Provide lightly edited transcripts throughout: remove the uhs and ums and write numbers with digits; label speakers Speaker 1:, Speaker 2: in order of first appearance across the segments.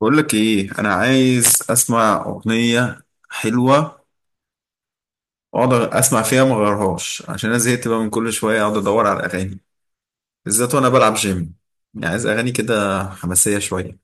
Speaker 1: بقول لك ايه؟ انا عايز اسمع اغنيه حلوه واقعد اسمع فيها، ما اغيرهاش، عشان انا زهقت بقى من كل شويه اقعد ادور على اغاني، بالذات وانا بلعب جيم. يعني عايز اغاني كده حماسيه شويه.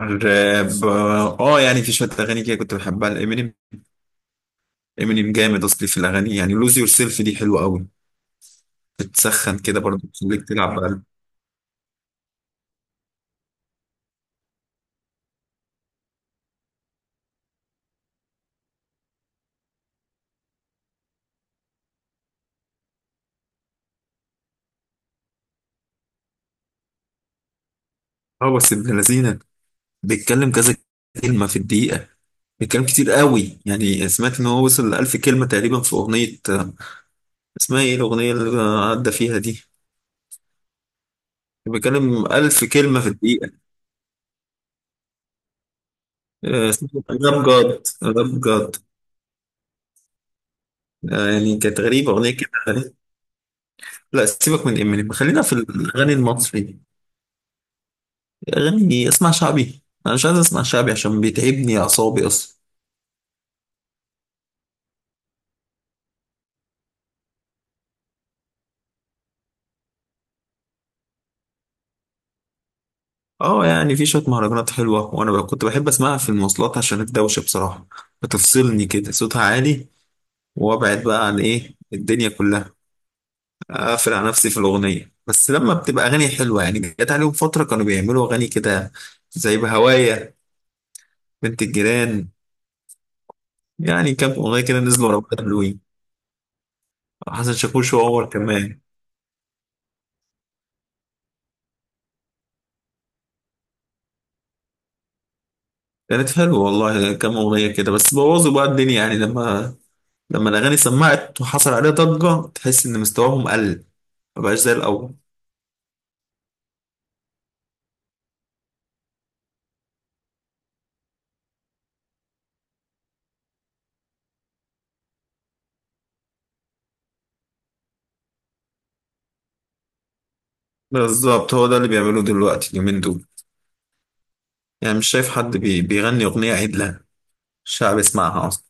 Speaker 1: الراب؟ اه، يعني في شويه اغاني كده كنت بحبها لامينيم. امينيم جامد اصلي في الاغاني، يعني لوز يور سيلف دي حلوه قوي. بتسخن كده برضه، بتخليك تلعب بقى. اه بس ابن لذينه، بيتكلم كذا كلمه في الدقيقه، بيتكلم كتير قوي. يعني سمعت ان هو وصل ل 1000 كلمه تقريبا في اغنيه، اسمها ايه الأغنية اللي عدى فيها دي؟ بيتكلم 1000 كلمة في الدقيقة. آه، اسمها راب جاد راب جاد. آه، يعني كانت غريبة أغنية كده. لا سيبك من إمينيم، خلينا في الأغاني المصري. أغاني أسمع شعبي؟ أنا مش عايز أسمع شعبي عشان بيتعبني أعصابي أصلا. اه يعني في شوية مهرجانات حلوة، وأنا بقى كنت بحب أسمعها في المواصلات عشان الدوشة بصراحة، بتفصلني كده صوتها عالي، وأبعد بقى عن إيه الدنيا كلها، اقفل على نفسي في الاغنيه. بس لما بتبقى اغاني حلوه، يعني جت عليهم فتره كانوا بيعملوا اغاني كده زي بهوايا، بنت الجيران. يعني كام اغنيه كده نزلوا ورا بعض حلوين. حسن شاكوش وعمر كمان، كانت حلوه والله كام اغنيه كده. بس بوظوا بقى الدنيا، يعني لما الاغاني سمعت وحصل عليها ضجه، تحس ان مستواهم قل، ما بقاش زي الاول. بالظبط هو ده اللي بيعملوه دلوقتي اليومين دول. يعني مش شايف حد بيغني اغنيه عدله الشعب يسمعها اصلا.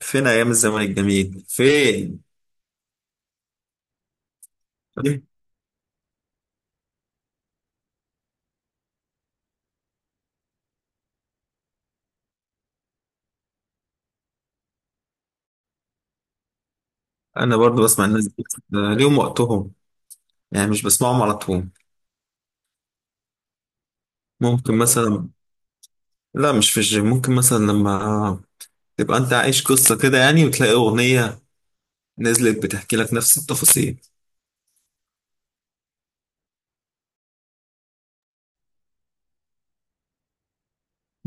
Speaker 1: فين ايام الزمن الجميل فين؟ انا برضو بسمع الناس دي. آه، ليهم وقتهم، يعني مش بسمعهم على طول. ممكن مثلا، لا مش في الجيم، ممكن مثلا لما تبقى انت عايش قصة كده، يعني وتلاقي اغنية نزلت بتحكي لك نفس التفاصيل.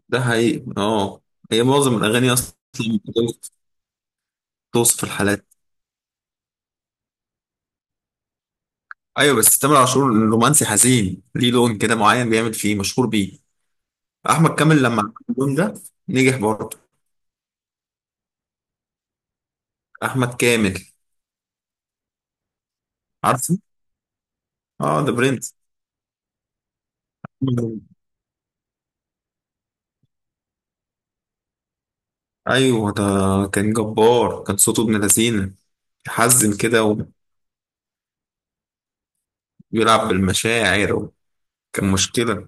Speaker 1: ده حقيقي اه. هي معظم الاغاني اصلا بتوصف الحالات. ايوه بس تامر عاشور رومانسي حزين، ليه لون كده معين بيعمل فيه مشهور بيه. احمد كامل لما عمل اللون ده نجح برضه. احمد كامل. عارفه. اه ده برنس. ايوه ده كان جبار، كان صوته ابن لذينه، يحزن كده وبيلعب بالمشاعر، كان مشكله.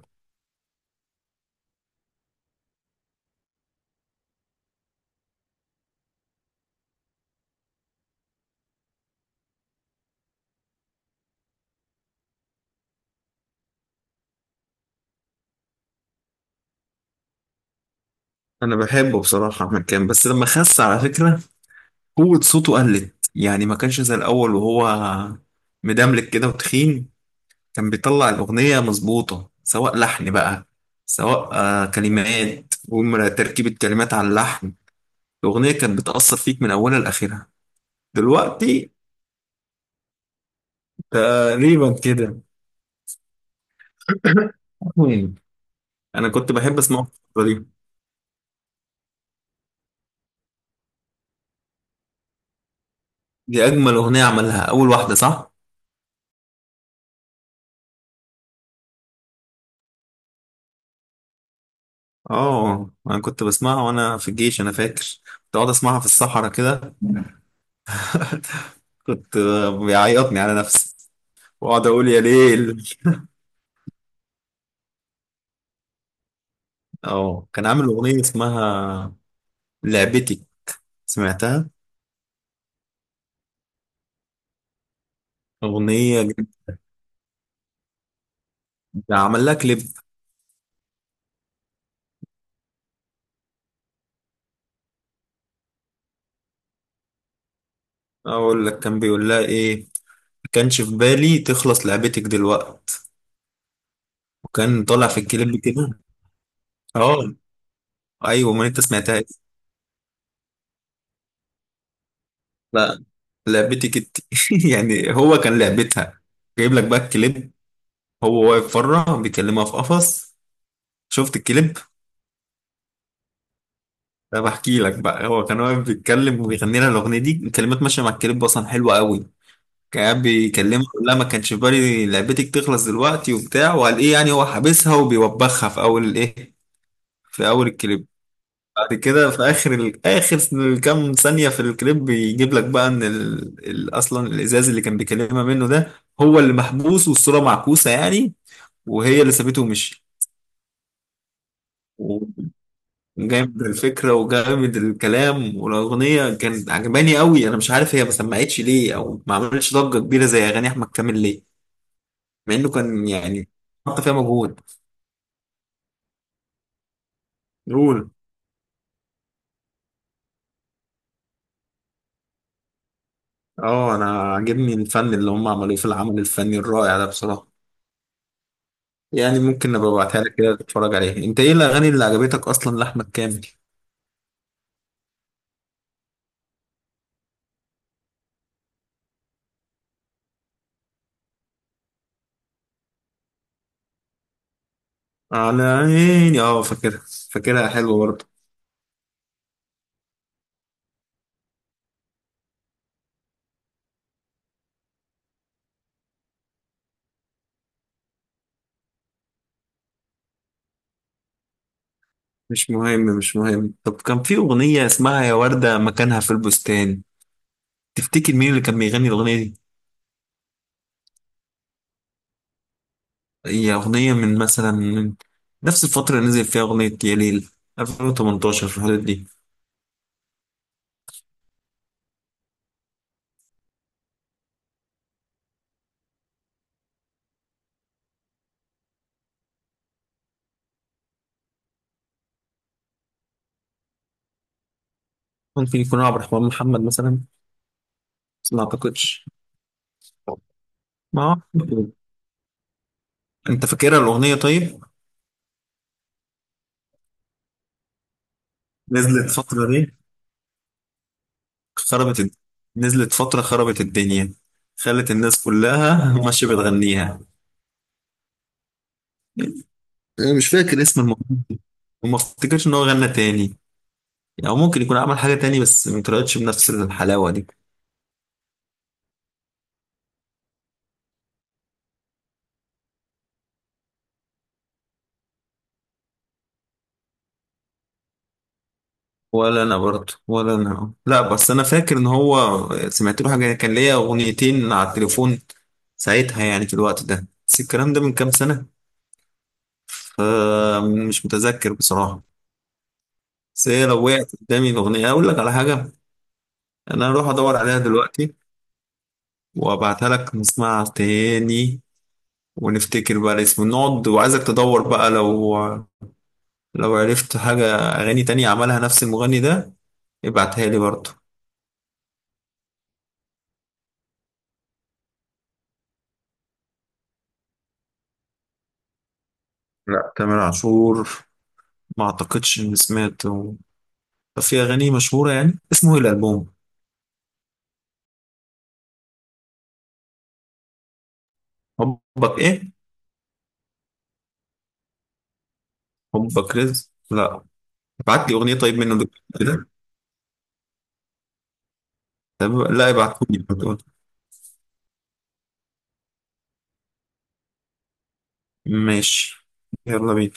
Speaker 1: انا بحبه بصراحه احمد كامل، بس لما خس على فكره قوه صوته قلت، يعني ما كانش زي الاول وهو مدملك كده وتخين. كان بيطلع الاغنيه مظبوطه، سواء لحن بقى، سواء كلمات، ومرة تركيبة كلمات على اللحن. الأغنية كانت بتأثر فيك من أولها لآخرها. دلوقتي تقريبا كده. انا كنت بحب اسمعه في الفترة دي. دي اجمل اغنية عملها، اول واحدة صح؟ اه انا كنت بسمعها وانا في الجيش، انا فاكر كنت اقعد اسمعها في الصحراء كده. كنت بيعيطني على نفسي واقعد اقول يا ليل. اه كان عامل اغنية اسمها لعبتي، سمعتها؟ اغنية جامدة. عمل لها كليب. اقول لك كان بيقول لها ايه، ما كانش في بالي تخلص لعبتك دلوقت، وكان طالع في الكليب كده. اه ايوه ما انت سمعتها إيه؟ لا لعبتي كت يعني هو كان لعبتها. جايب لك بقى الكليب، هو واقف بره بيكلمها في قفص. شفت الكليب؟ طب احكي لك بقى، هو كان واقف بيتكلم وبيغني لها الاغنيه دي، الكلمات ماشيه مع الكليب اصلا حلوه قوي. كان قاعد بيكلمها، لا ما كانش في بالي لعبتك تخلص دلوقتي وبتاع، وقال ايه، يعني هو حابسها وبيوبخها في اول الايه، في اول الكليب. بعد كده في اخر اخر كام ثانيه في الكليب بيجيب لك بقى ان اصلا الازاز اللي كان بيكلمها منه ده، هو اللي محبوس والصوره معكوسه يعني، وهي اللي سابته ومشي. وجامد الفكره وجامد الكلام، والاغنيه كانت عجباني قوي. انا مش عارف هي ما سمعتش ليه، او ما عملتش ضجه كبيره زي اغاني احمد كامل ليه، مع انه كان يعني حط فيها مجهود. قول. اه انا عاجبني الفن اللي هم عملوه في العمل الفني الرائع ده بصراحه. يعني ممكن ابقى ابعتها لك كده تتفرج عليها. انت ايه الاغاني اللي عجبتك اصلا لاحمد كامل؟ على عيني اه فاكرها، فاكرها حلو برضه. مش مهم مش مهم. طب كان في اغنيه اسمها يا ورده مكانها في البستان، تفتكر مين اللي كان بيغني الاغنيه دي؟ هي اغنيه من مثلا من نفس الفتره اللي نزل فيها اغنيه يا ليل، 2018 في الحدود دي. ممكن يكون عبد الرحمن محمد مثلا، بس ما اعتقدش. ما أعتقد. انت فاكرها الاغنيه طيب؟ نزلت الفتره دي، خربت الد... نزلت فترة خربت الدنيا، خلت الناس كلها ماشية بتغنيها. أنا مش فاكر اسم المغني، وما افتكرش إن هو غنى تاني، أو ممكن يكون عمل حاجة تاني بس ما طلعتش بنفس الحلاوة دي. ولا أنا برضه، ولا أنا لا، بس أنا فاكر إن هو سمعت له حاجة، كان ليا أغنيتين على التليفون ساعتها، يعني في الوقت ده، بس الكلام ده من كام سنة فمش متذكر بصراحة. بس هي لو وقعت قدامي الأغنية أقول لك على حاجة. أنا هروح أدور عليها دلوقتي وابعتها لك نسمعها تاني ونفتكر بقى الاسم. نقعد وعايزك تدور بقى، لو لو عرفت حاجة أغاني تانية عملها نفس المغني ده ابعتها لي برضه. لا تامر عاشور، ما أعتقدش إني سمعت. طب في أغاني مشهورة، يعني اسمه إيه الألبوم؟ حبك إيه؟ حبك رزق؟ لا. ابعت لي أغنية طيب منه دلوقتي كده. طب- لا ابعتهولي. ماشي. يلا بينا.